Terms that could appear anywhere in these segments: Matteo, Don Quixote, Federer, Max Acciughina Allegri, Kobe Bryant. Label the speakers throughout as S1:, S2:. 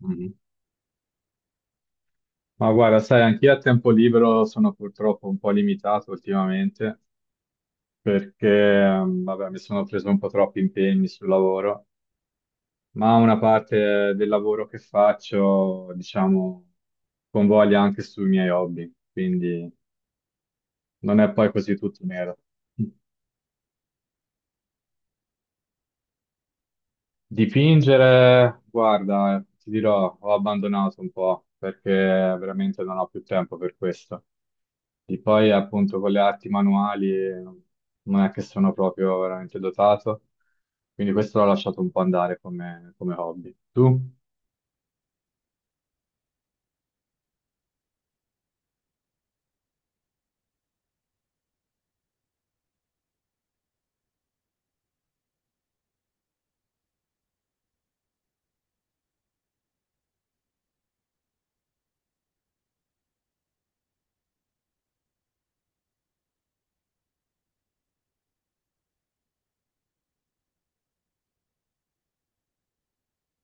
S1: Mm. Ma guarda, sai, anch'io a tempo libero sono purtroppo un po' limitato ultimamente perché, vabbè, mi sono preso un po' troppi impegni sul lavoro, ma una parte del lavoro che faccio, diciamo, convoglia anche sui miei hobby, quindi non è poi così tutto nero. Dipingere, guarda, ti dirò, ho abbandonato un po' perché veramente non ho più tempo per questo. E poi appunto con le arti manuali, non è che sono proprio veramente dotato, quindi questo l'ho lasciato un po' andare come, come hobby. Tu?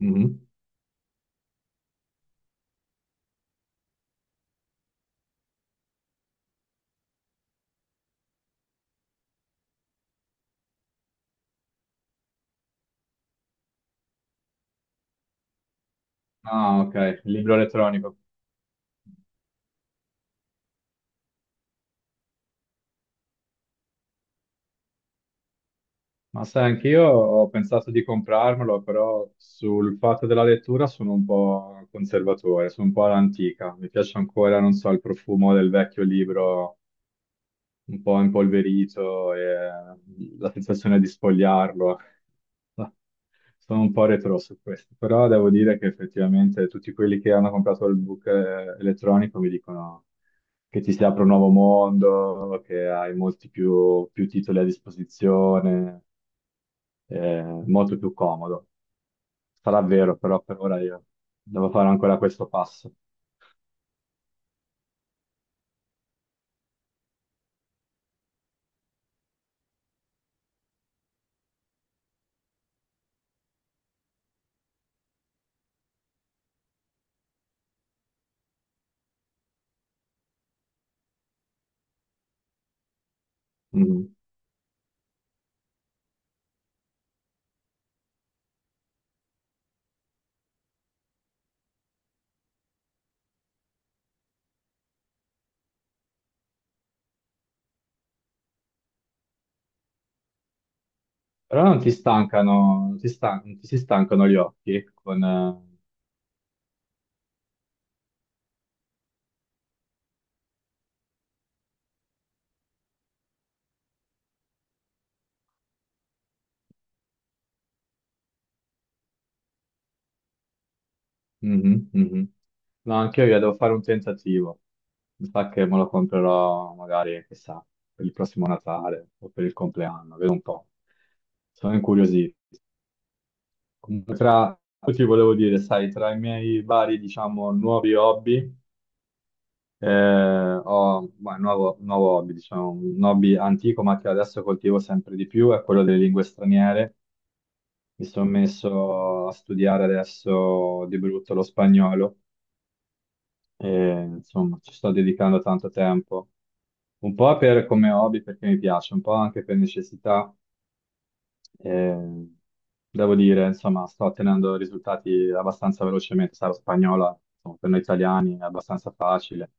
S1: Mhm. Ah, ok, il libro elettronico. Ma sai, anch'io ho pensato di comprarmelo, però sul fatto della lettura sono un po' conservatore, sono un po' all'antica. Mi piace ancora, non so, il profumo del vecchio libro un po' impolverito e la sensazione di sfogliarlo. Sono un po' retro su questo, però devo dire che effettivamente tutti quelli che hanno comprato il book, elettronico mi dicono che ti si apre un nuovo mondo, che hai molti più titoli a disposizione, molto più comodo. Sarà vero, però per ora io devo fare ancora questo passo. Mm. Però non ti stancano, non ti si stancano gli occhi con... mhm, mhm. No, anche io devo fare un tentativo. Mi sa che me lo comprerò magari, chissà, per il prossimo Natale o per il compleanno, vedo un po'. Sono incuriosito. Comunque, poi ti volevo dire, sai, tra i miei vari, diciamo, nuovi hobby, un nuovo hobby, diciamo, un hobby antico, ma che adesso coltivo sempre di più, è quello delle lingue straniere. Mi sono messo a studiare adesso di brutto lo spagnolo e insomma ci sto dedicando tanto tempo. Un po' come hobby perché mi piace, un po' anche per necessità. Eh, devo dire, insomma, sto ottenendo risultati abbastanza velocemente. Sarà spagnola, insomma, per noi italiani è abbastanza facile.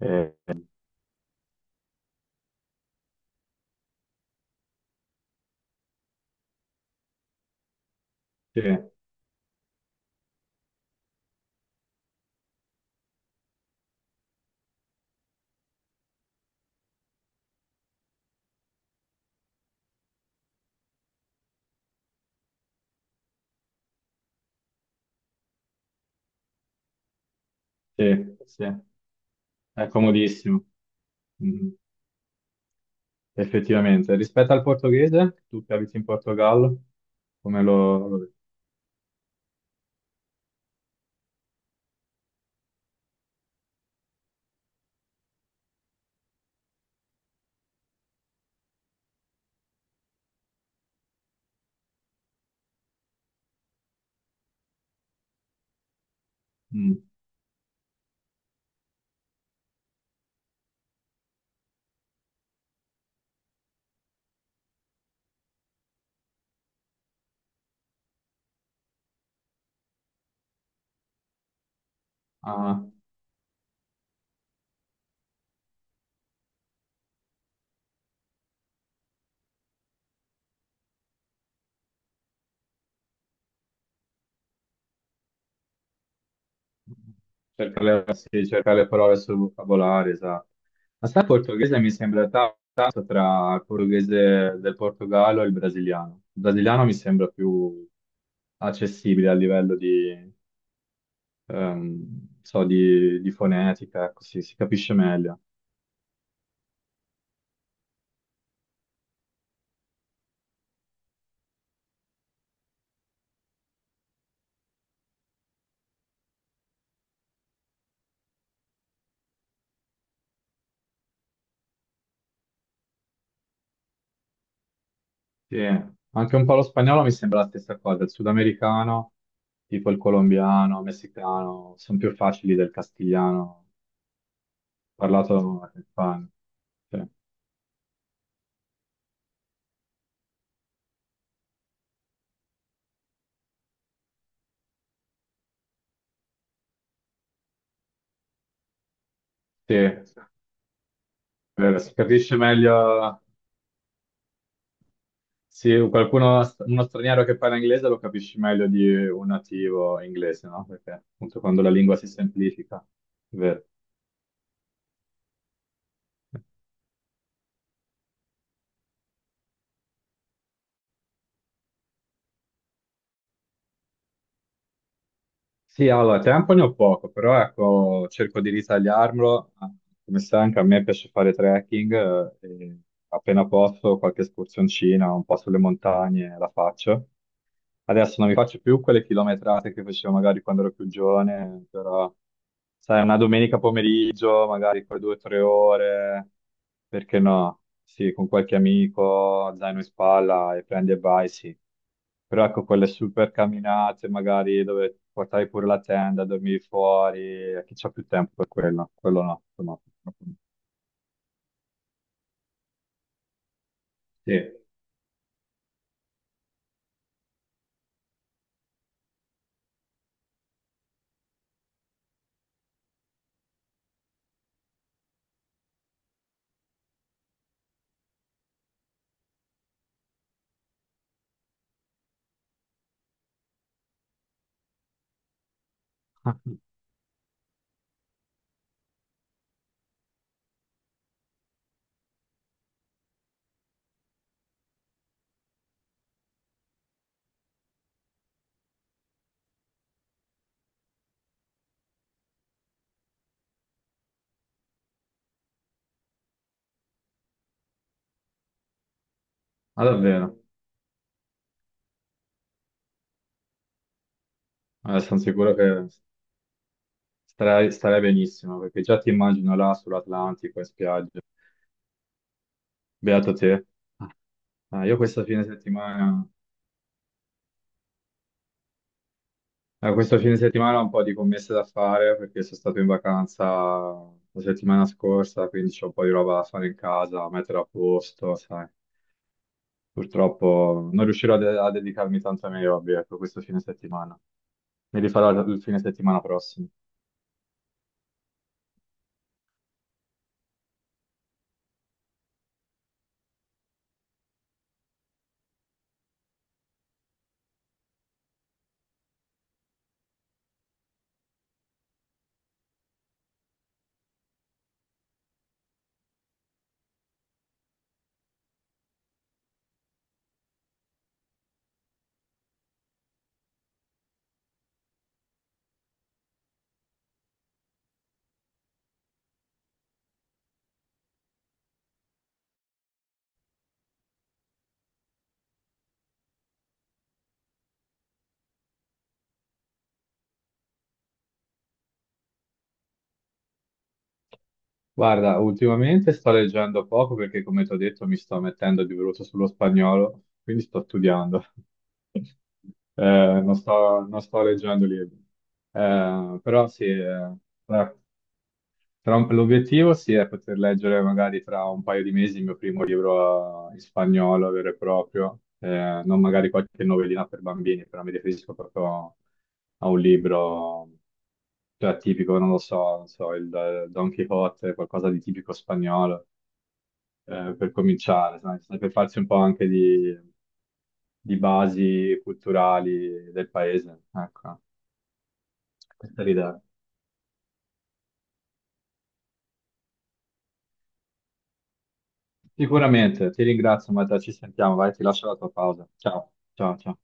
S1: Eh, sì, sì, sì. È comodissimo. Mm, effettivamente. Rispetto al portoghese, tu che abiti in Portogallo, come lo... mm, ah, cerca le, sì, cerca le parole sul vocabolario, esatto. Ma sai, il portoghese mi sembra tanto tra il portoghese del Portogallo e il brasiliano. Il brasiliano mi sembra più accessibile a livello di, so, di fonetica, così si capisce meglio. Sì, anche un po' lo spagnolo mi sembra la stessa cosa, il sudamericano, tipo il colombiano, messicano, sono più facili del castigliano, parlato in Spagna. Cioè, sì, si capisce meglio, sì, qualcuno, uno straniero che parla inglese lo capisci meglio di un nativo inglese, no? Perché appunto quando la lingua si semplifica, è vero. Sì, allora, tempo ne ho poco, però ecco, cerco di ritagliarmelo. Ah, come sai, anche a me piace fare trekking, e appena posso qualche escursioncina, un po' sulle montagne la faccio. Adesso non mi faccio più quelle chilometrate che facevo magari quando ero più giovane, però sai, una domenica pomeriggio, magari poi due o tre ore, perché no? Sì, con qualche amico, zaino in spalla e prendi e vai, sì. Però ecco, quelle super camminate, magari dove portavi pure la tenda, dormivi fuori, chi c'ha più tempo per quello? Quello no, quello no. Sì, ma davvero. Sono sicuro che starei benissimo, perché già ti immagino là sull'Atlantico in spiaggia. Beato te. Ah, io questa fine settimana, questo fine settimana ho un po' di commesse da fare, perché sono stato in vacanza la settimana scorsa, quindi c'ho un po' di roba da fare in casa, da mettere a posto, sai. Purtroppo non riuscirò a dedicarmi tanto ai miei hobby, ecco, questo fine settimana. Mi rifarò il fine settimana prossimo. Guarda, ultimamente sto leggendo poco perché, come ti ho detto, mi sto mettendo di brutto sullo spagnolo, quindi sto studiando. Non sto leggendo libri. Però sì, l'obiettivo sì è poter leggere magari tra un paio di mesi il mio primo libro, in spagnolo vero e proprio, non magari qualche novellina per bambini, però mi riferisco proprio a un libro cioè, tipico, non lo so, non so, il, Don Quixote, qualcosa di tipico spagnolo, per cominciare, sai, per farsi un po' anche di basi culturali del paese, ecco, questa è l'idea. Sicuramente, ti ringrazio, Matteo, ci sentiamo, vai, ti lascio la tua pausa. Ciao, ciao, ciao.